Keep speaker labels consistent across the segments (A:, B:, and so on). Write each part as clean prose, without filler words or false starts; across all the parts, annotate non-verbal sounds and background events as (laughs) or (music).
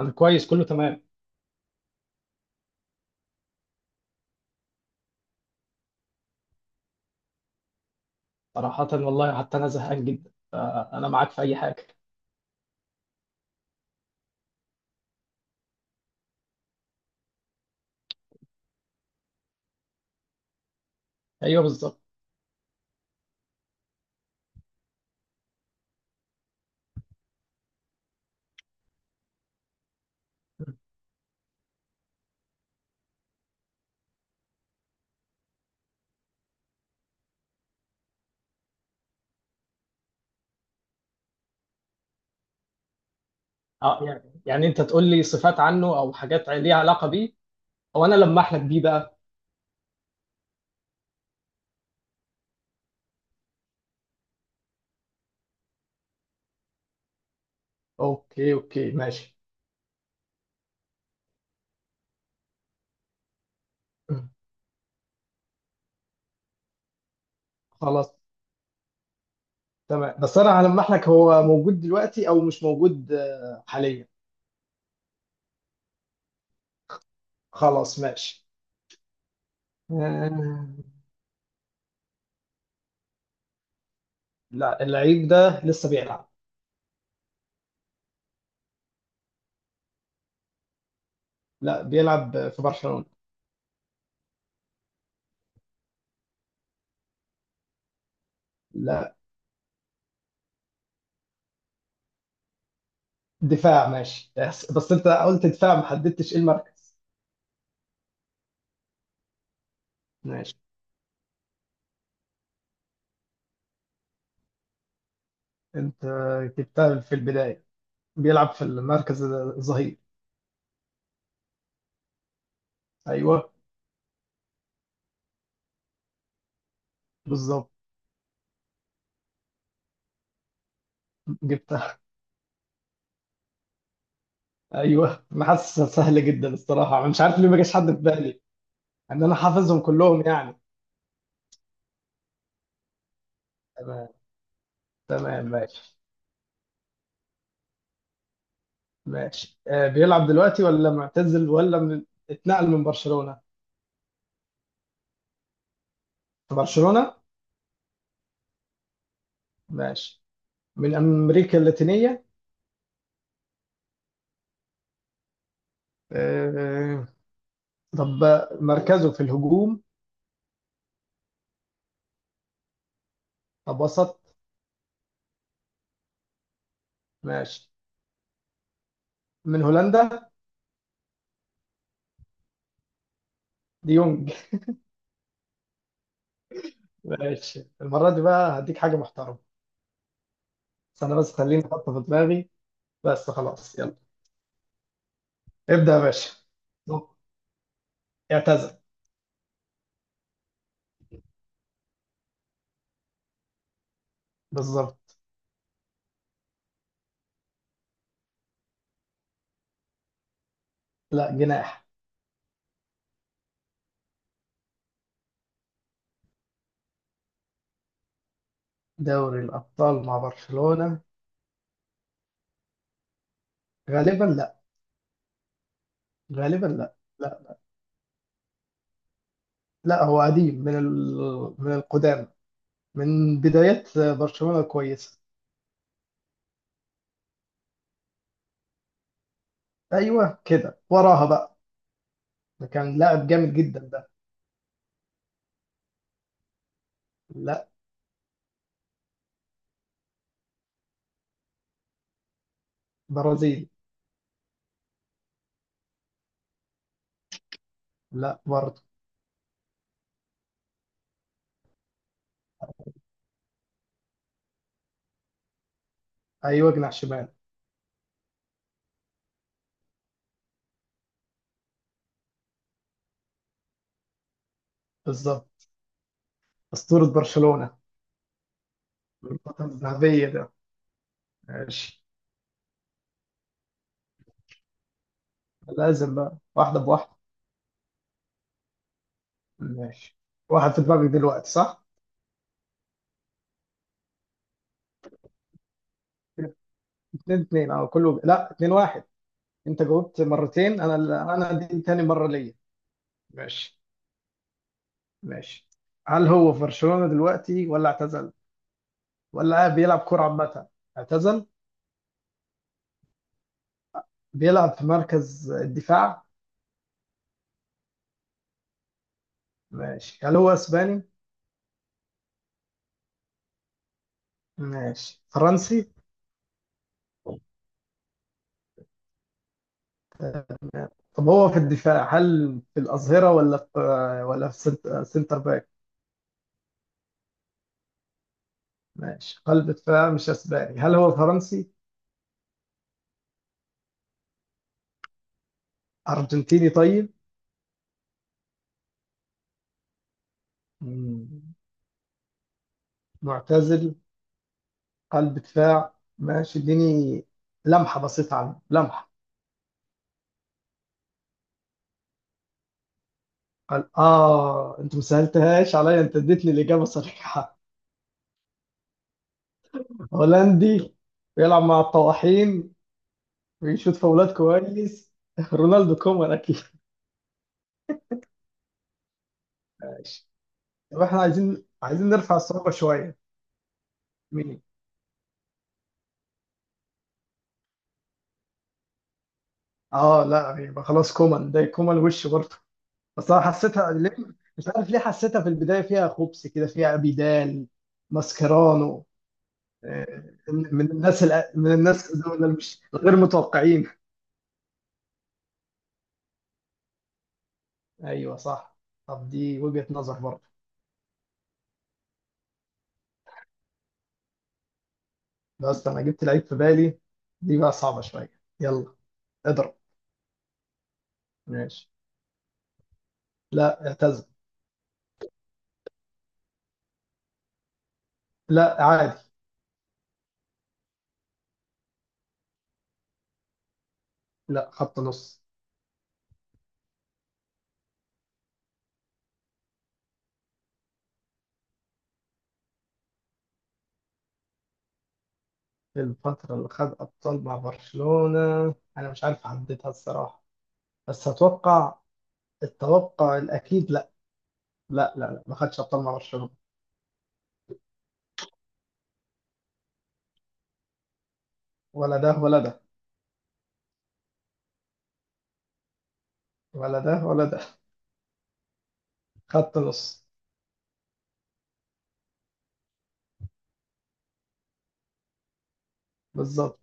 A: انا كويس، كله تمام. صراحة والله حتى انا زهقان جدا، فانا معاك في اي حاجة. ايوه، بالظبط. اه، يعني انت تقول لي صفات عنه او حاجات ليها علاقة بيه، او انا لمح لك بيه بقى. اوكي، اوكي، ماشي. خلاص. تمام، بس انا هلمح لك هو موجود دلوقتي او مش موجود، حاليا. خلاص، ماشي. آه، لا، اللعيب ده لسه بيلعب. لا، بيلعب في برشلونة. لا. دفاع، ماشي، بس انت قلت دفاع، ما حددتش ايه المركز. ماشي. انت جبتها في البداية. بيلعب في المركز الظهير. ايوه. بالظبط. جبتها. ايوه، انا حاسس سهل جدا الصراحة، انا مش عارف ليه ما جاش حد في بالي، ان انا حافظهم كلهم يعني. تمام. تمام، ماشي. ماشي. بيلعب دلوقتي ولا معتزل، ولا اتنقل من برشلونة؟ في برشلونة؟ ماشي. من امريكا اللاتينية؟ آه. طب، مركزه في الهجوم؟ طب، وسط؟ ماشي. من هولندا؟ ديونج؟ ماشي، المرة دي بقى هديك حاجة محترمة. بس أنا، بس خليني أحطها في دماغي. بس خلاص، يلا. ابدأ يا باشا. اعتزل. بالظبط. لا، جناح. دوري الأبطال مع برشلونة؟ غالبا لا. غالبا لا، لا. لا، هو قديم من من القدام، من بدايات برشلونة الكويسة. أيوه، كده وراها بقى. ده كان لاعب جامد جدا ده. لا. برازيلي. لا برضه. أيوه، جناح شمال. بالظبط. أسطورة برشلونة. الفترة الذهبية ده. ماشي. لازم بقى واحدة بواحدة. ماشي. واحد في دماغك دلوقتي صح؟ اتنين اتنين، اه كله. لا، اتنين واحد. انت جاوبت مرتين انا. انا دي تاني مرة ليا. ماشي. ماشي. هل هو في برشلونة دلوقتي ولا اعتزل؟ ولا بيلعب كرة عامة؟ اعتزل؟ بيلعب في مركز الدفاع؟ ماشي، هل هو اسباني؟ ماشي، فرنسي؟ طب هو في الدفاع، هل في الأظهرة، ولا في سنتر باك؟ ماشي، قلب دفاع، مش اسباني، هل هو فرنسي؟ ارجنتيني طيب؟ مم. معتزل. قلب دفاع، ماشي، اديني لمحة بسيطة عنه، لمحة. قال اه، انت ما سهلتهاش عليا، انت اديتني الإجابة صريحة. (laughs) هولندي. بيلعب مع الطواحين. بيشوط فاولات كويس. (laughs) رونالدو كومان اكيد. ماشي. طب احنا عايزين نرفع الصعوبة شوية. مين؟ اه، لا، يبقى خلاص كومان، ده كومان وش برضه. بس انا حسيتها ليه. مش عارف ليه حسيتها في البداية فيها خبص كده، فيها بيدال. ماسكيرانو. من الناس دول مش غير متوقعين. ايوه، صح. طب دي وجهة نظر برضه. بس انا جبت لعيب في بالي. دي بقى صعبة شوية. يلا. اضرب. ماشي. لا، اعتزل. لا، عادي. لا، خط نص. الفترة اللي خد أبطال مع برشلونة أنا مش عارف أحددها الصراحة، بس أتوقع. التوقع الأكيد لا. لا، لا، لا، ما خدش أبطال مع برشلونة. ولا ده ولا ده. ولا ده ولا ده. خط نص. بالظبط.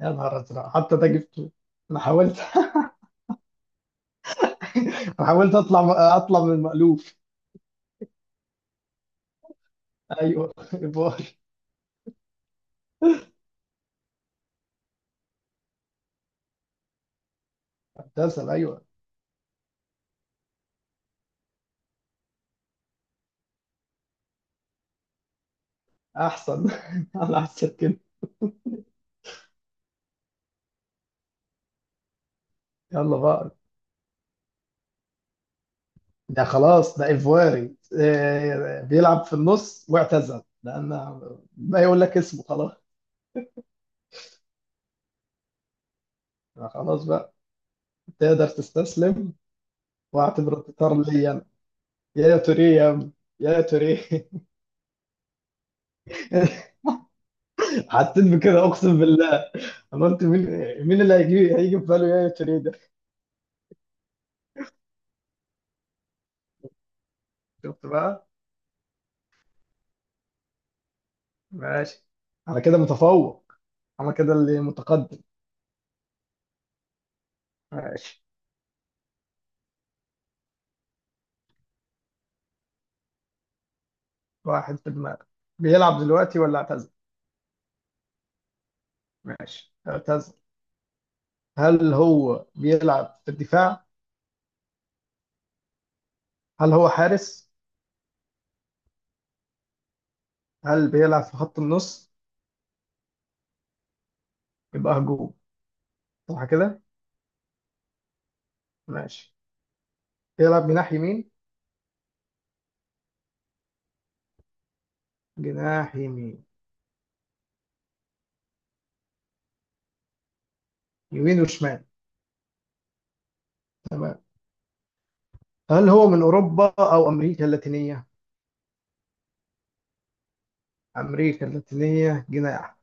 A: يا نهار ازرق، حتى ده جبته. انا حاولت. (laughs) انا حاولت اطلع من المألوف. ايوه، ايفار. ابتسم، ايوه. احسن. (laughs) انا احسن كده. يلا بقى. ده خلاص، ده ايفواري إيه، بيلعب في النص واعتزل، لان ما يقول لك اسمه خلاص. خلاص بقى، تقدر تستسلم. واعتبره انتصار ليا انا. يا توريه يا عم، يا توريه. (laughs) حسيت بكده اقسم بالله. انا قلت مين. مين اللي هيجي في باله يا توريه ده. شفت بقى. ماشي. انا كده متفوق. انا كده اللي متقدم. ماشي. واحد في دماغك. بيلعب دلوقتي ولا اعتزل؟ ماشي، اعتزل. هل هو بيلعب في الدفاع؟ هل هو حارس؟ هل بيلعب في خط النص؟ يبقى هجوم، صح كده؟ ماشي. بيلعب جناح يمين؟ جناح يمين؟ يمين وشمال. تمام. هل هو من اوروبا او امريكا اللاتينيه؟ امريكا اللاتينيه، جناح.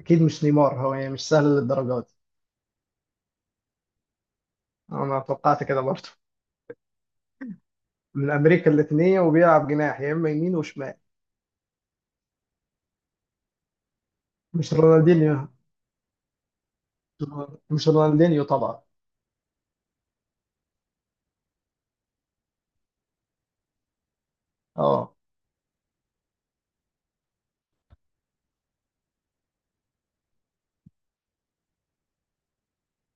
A: اكيد مش نيمار هو، يعني مش سهل للدرجه دي. انا توقعت كده برضه. من امريكا اللاتينيه وبيلعب جناح، يا اما يمين وشمال. مش رونالدينيو؟ مش رونالدينيو طبعا. اه.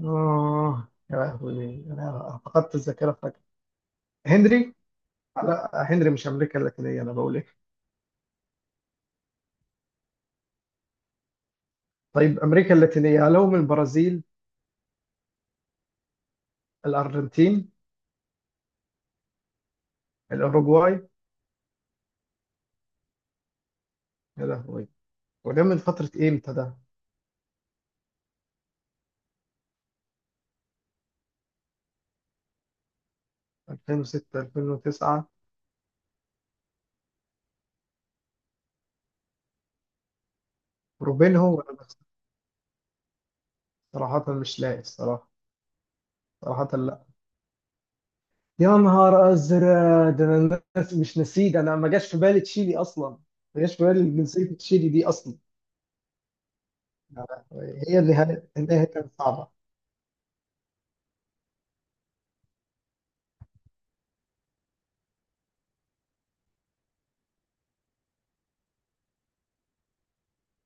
A: اه، يا لهوي انا فقدت الذاكره فجاه. هنري. لا، هنري مش امريكا اللاتينيه، انا بقول ايه. طيب، امريكا اللاتينيه، هل هو من البرازيل؟ الارجنتين؟ الاوروغواي؟ يا لهوي. وده من فتره امتى ده؟ 2006 2009؟ روبينهو ولا صراحه مش لاقي الصراحه. صراحه. يا نهار ازرق، ده انا مش نسيت، انا ما جاش في بالي تشيلي اصلا. ما جاش في بالي جنسيه تشيلي دي اصلا. لا، هي النهاية، النهاية كانت صعبة.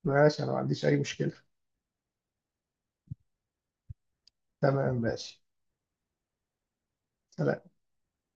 A: ماشي، أنا ما عنديش أي مشكلة. تمام، ماشي. سلام.